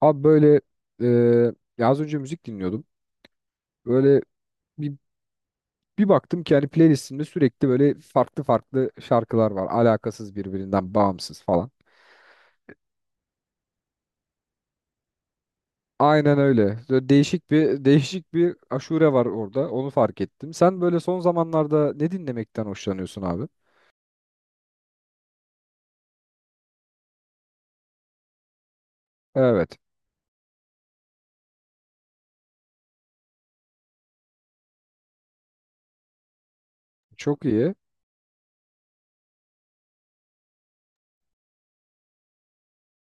Abi böyle eee ya az önce müzik dinliyordum. Böyle bir, bir baktım ki hani playlistimde sürekli böyle farklı farklı şarkılar var. Alakasız birbirinden bağımsız falan. Aynen öyle. Böyle değişik bir aşure var orada. Onu fark ettim. Sen böyle son zamanlarda ne dinlemekten hoşlanıyorsun abi? Evet. Çok iyi.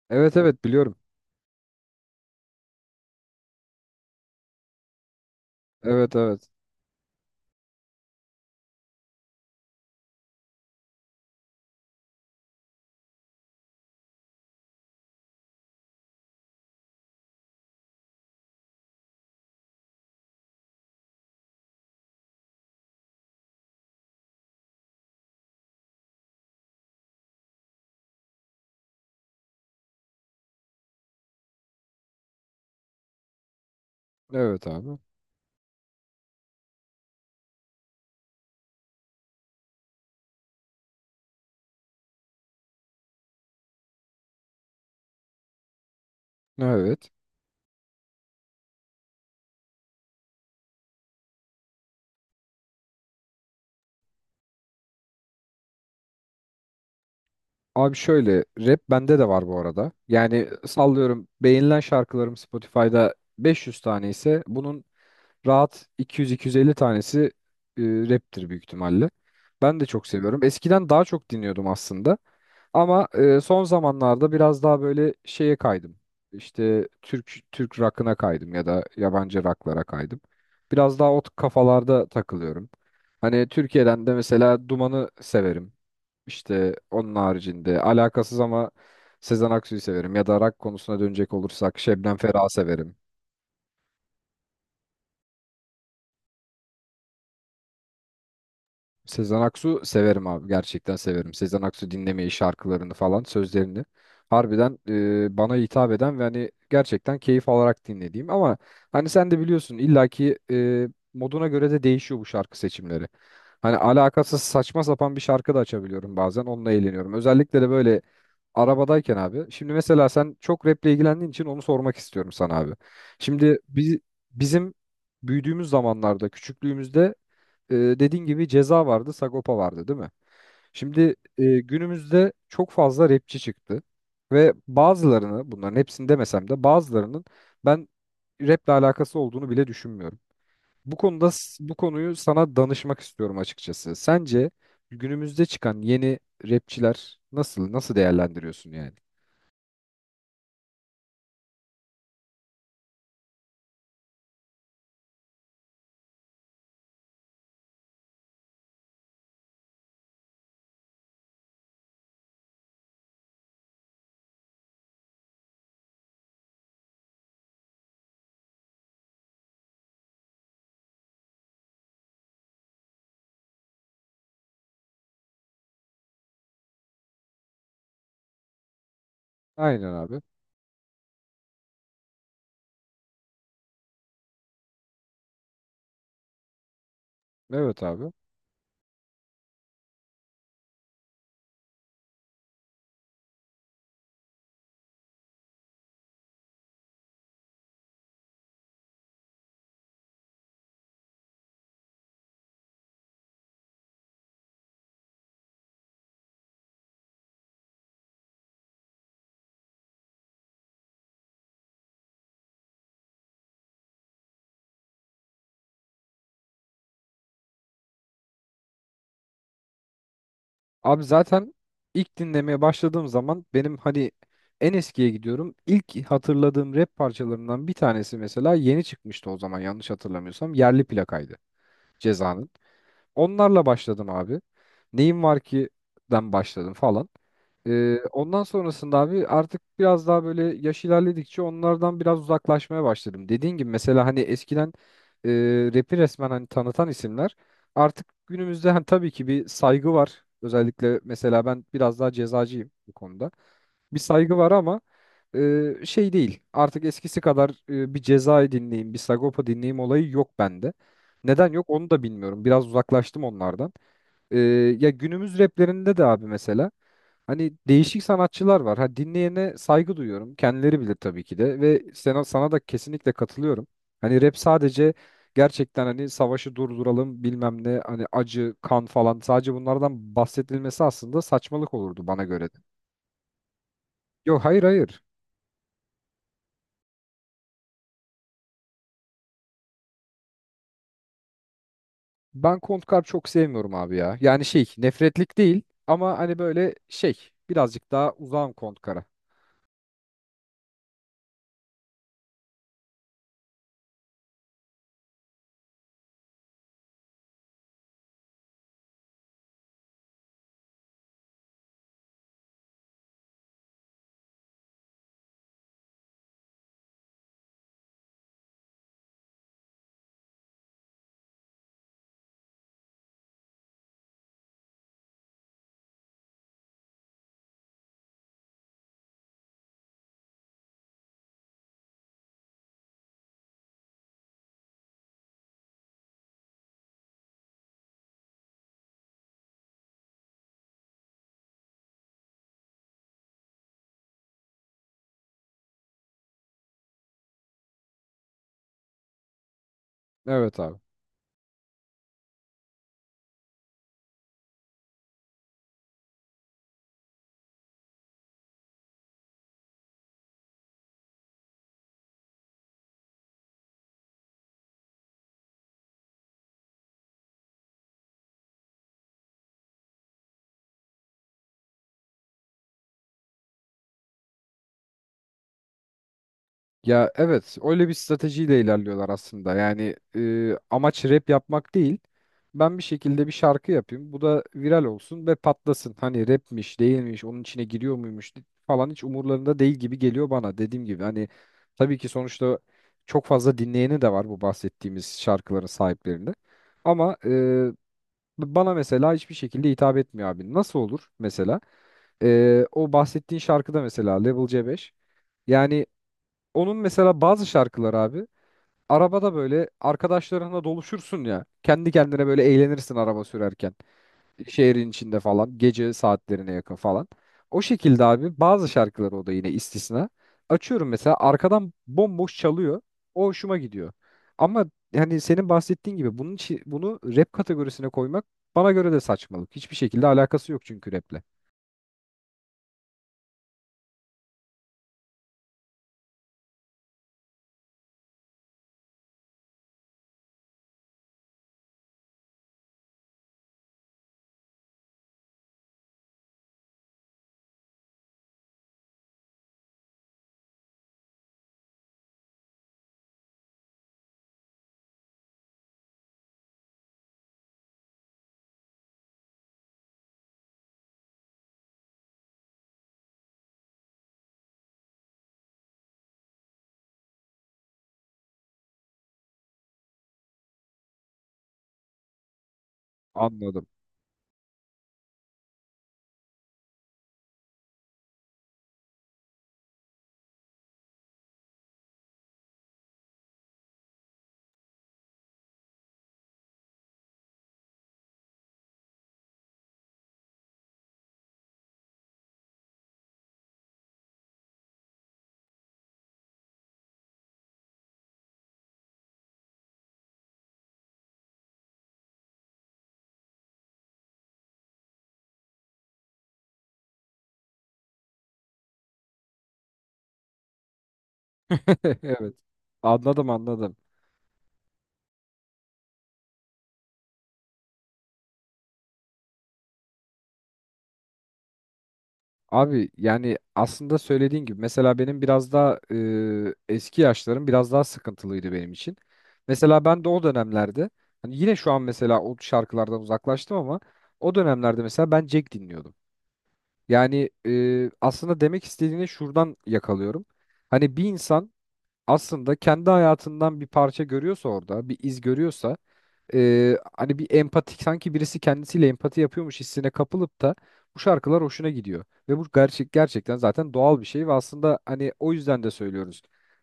Evet, evet, biliyorum. Evet, evet. Evet abi. Evet. Abi şöyle, rap bende de var bu arada. Yani sallıyorum, beğenilen şarkılarım Spotify'da 500 tane ise bunun rahat 200-250 tanesi e, raptir büyük ihtimalle. Ben de çok seviyorum. Eskiden daha çok dinliyordum aslında. Ama son zamanlarda biraz daha böyle şeye kaydım. İşte Türk rock'ına kaydım ya da yabancı rock'lara kaydım. Biraz daha o kafalarda takılıyorum. Hani Türkiye'den de mesela Duman'ı severim. İşte onun haricinde alakasız ama Sezen Aksu'yu severim ya da rock konusuna dönecek olursak Şebnem Ferah'ı severim. Sezen Aksu severim abi, gerçekten severim. Sezen Aksu dinlemeyi, şarkılarını falan, sözlerini harbiden bana hitap eden ve hani gerçekten keyif alarak dinlediğim, ama hani sen de biliyorsun illaki moduna göre de değişiyor bu şarkı seçimleri. Hani alakasız saçma sapan bir şarkı da açabiliyorum, bazen onunla eğleniyorum. Özellikle de böyle arabadayken abi. Şimdi mesela sen çok raple ilgilendiğin için onu sormak istiyorum sana abi. Şimdi bizim büyüdüğümüz zamanlarda, küçüklüğümüzde, dediğin gibi Ceza vardı, Sagopa vardı, değil mi? Şimdi günümüzde çok fazla rapçi çıktı ve bazılarını, bunların hepsini demesem de, bazılarının ben raple alakası olduğunu bile düşünmüyorum. Bu konuda bu konuyu sana danışmak istiyorum açıkçası. Sence günümüzde çıkan yeni rapçiler nasıl değerlendiriyorsun yani? Aynen abi. Evet abi. Abi zaten ilk dinlemeye başladığım zaman, benim hani en eskiye gidiyorum. İlk hatırladığım rap parçalarından bir tanesi, mesela yeni çıkmıştı o zaman yanlış hatırlamıyorsam, Yerli Plaka'ydı Ceza'nın. Onlarla başladım abi. Neyim Var ki den başladım falan. Ondan sonrasında abi artık biraz daha böyle yaş ilerledikçe onlardan biraz uzaklaşmaya başladım. Dediğin gibi, mesela hani eskiden e, rap'i resmen hani tanıtan isimler, artık günümüzde hani tabii ki bir saygı var. Özellikle mesela ben biraz daha cezacıyım bu konuda, bir saygı var ama şey değil. Artık eskisi kadar bir Ceza'yı dinleyeyim, bir Sagopa dinleyeyim olayı yok bende. Neden yok onu da bilmiyorum. Biraz uzaklaştım onlardan. E, ya günümüz raplerinde de abi mesela hani değişik sanatçılar var. Ha, dinleyene saygı duyuyorum. Kendileri bilir tabii ki de, ve sana da kesinlikle katılıyorum. Hani rap sadece, gerçekten hani savaşı durduralım bilmem ne, hani acı, kan falan, sadece bunlardan bahsedilmesi aslında saçmalık olurdu bana göre de. Yok, hayır, hayır. Ben Kontkar çok sevmiyorum abi ya. Yani şey, nefretlik değil, ama hani böyle şey, birazcık daha uzağım Kontkar'a. Evet abi. Ya evet, öyle bir stratejiyle ilerliyorlar aslında. Yani amaç rap yapmak değil. Ben bir şekilde bir şarkı yapayım, bu da viral olsun ve patlasın. Hani rapmiş değilmiş, onun içine giriyor muymuş falan, hiç umurlarında değil gibi geliyor bana. Dediğim gibi hani, tabii ki sonuçta çok fazla dinleyeni de var bu bahsettiğimiz şarkıların sahiplerinde. Ama bana mesela hiçbir şekilde hitap etmiyor abi. Nasıl olur mesela? O bahsettiğin şarkıda mesela Level C5. Yani onun mesela bazı şarkılar abi, arabada böyle arkadaşlarınla doluşursun ya. Kendi kendine böyle eğlenirsin araba sürerken, şehrin içinde falan, gece saatlerine yakın falan. O şekilde abi bazı şarkıları, o da yine istisna. Açıyorum mesela, arkadan bomboş çalıyor. O hoşuma gidiyor. Ama hani senin bahsettiğin gibi bunun için bunu rap kategorisine koymak bana göre de saçmalık. Hiçbir şekilde alakası yok çünkü raple. Anladım. Evet. Anladım, anladım. Abi yani aslında söylediğin gibi, mesela benim biraz daha eski yaşlarım biraz daha sıkıntılıydı benim için. Mesela ben de o dönemlerde, hani yine şu an mesela o şarkılardan uzaklaştım ama o dönemlerde mesela ben Jack dinliyordum. Yani aslında demek istediğini şuradan yakalıyorum. Hani bir insan aslında kendi hayatından bir parça görüyorsa, orada bir iz görüyorsa hani bir empatik, sanki birisi kendisiyle empati yapıyormuş hissine kapılıp da bu şarkılar hoşuna gidiyor. Ve bu gerçekten zaten doğal bir şey ve aslında hani o yüzden de söylüyoruz.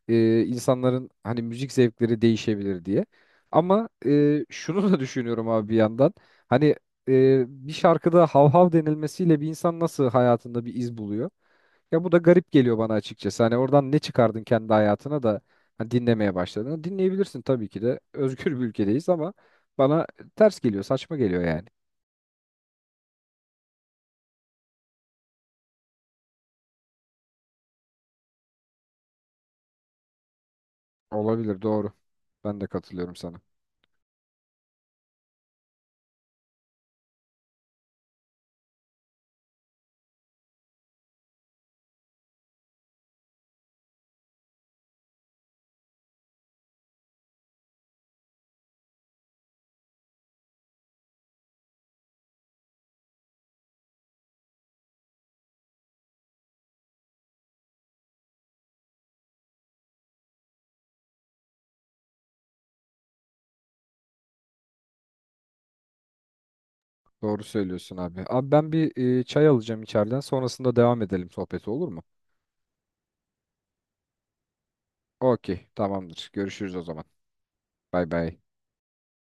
İnsanların hani müzik zevkleri değişebilir diye. Ama şunu da düşünüyorum abi bir yandan. Hani bir şarkıda hav hav denilmesiyle bir insan nasıl hayatında bir iz buluyor? Ya bu da garip geliyor bana açıkçası. Hani oradan ne çıkardın kendi hayatına da hani dinlemeye başladın. Dinleyebilirsin tabii ki de. Özgür bir ülkedeyiz ama bana ters geliyor, saçma geliyor yani. Olabilir, doğru. Ben de katılıyorum sana. Doğru söylüyorsun abi. Abi ben bir çay alacağım içeriden. Sonrasında devam edelim sohbeti, olur mu? Okey, tamamdır. Görüşürüz o zaman. Bay bay.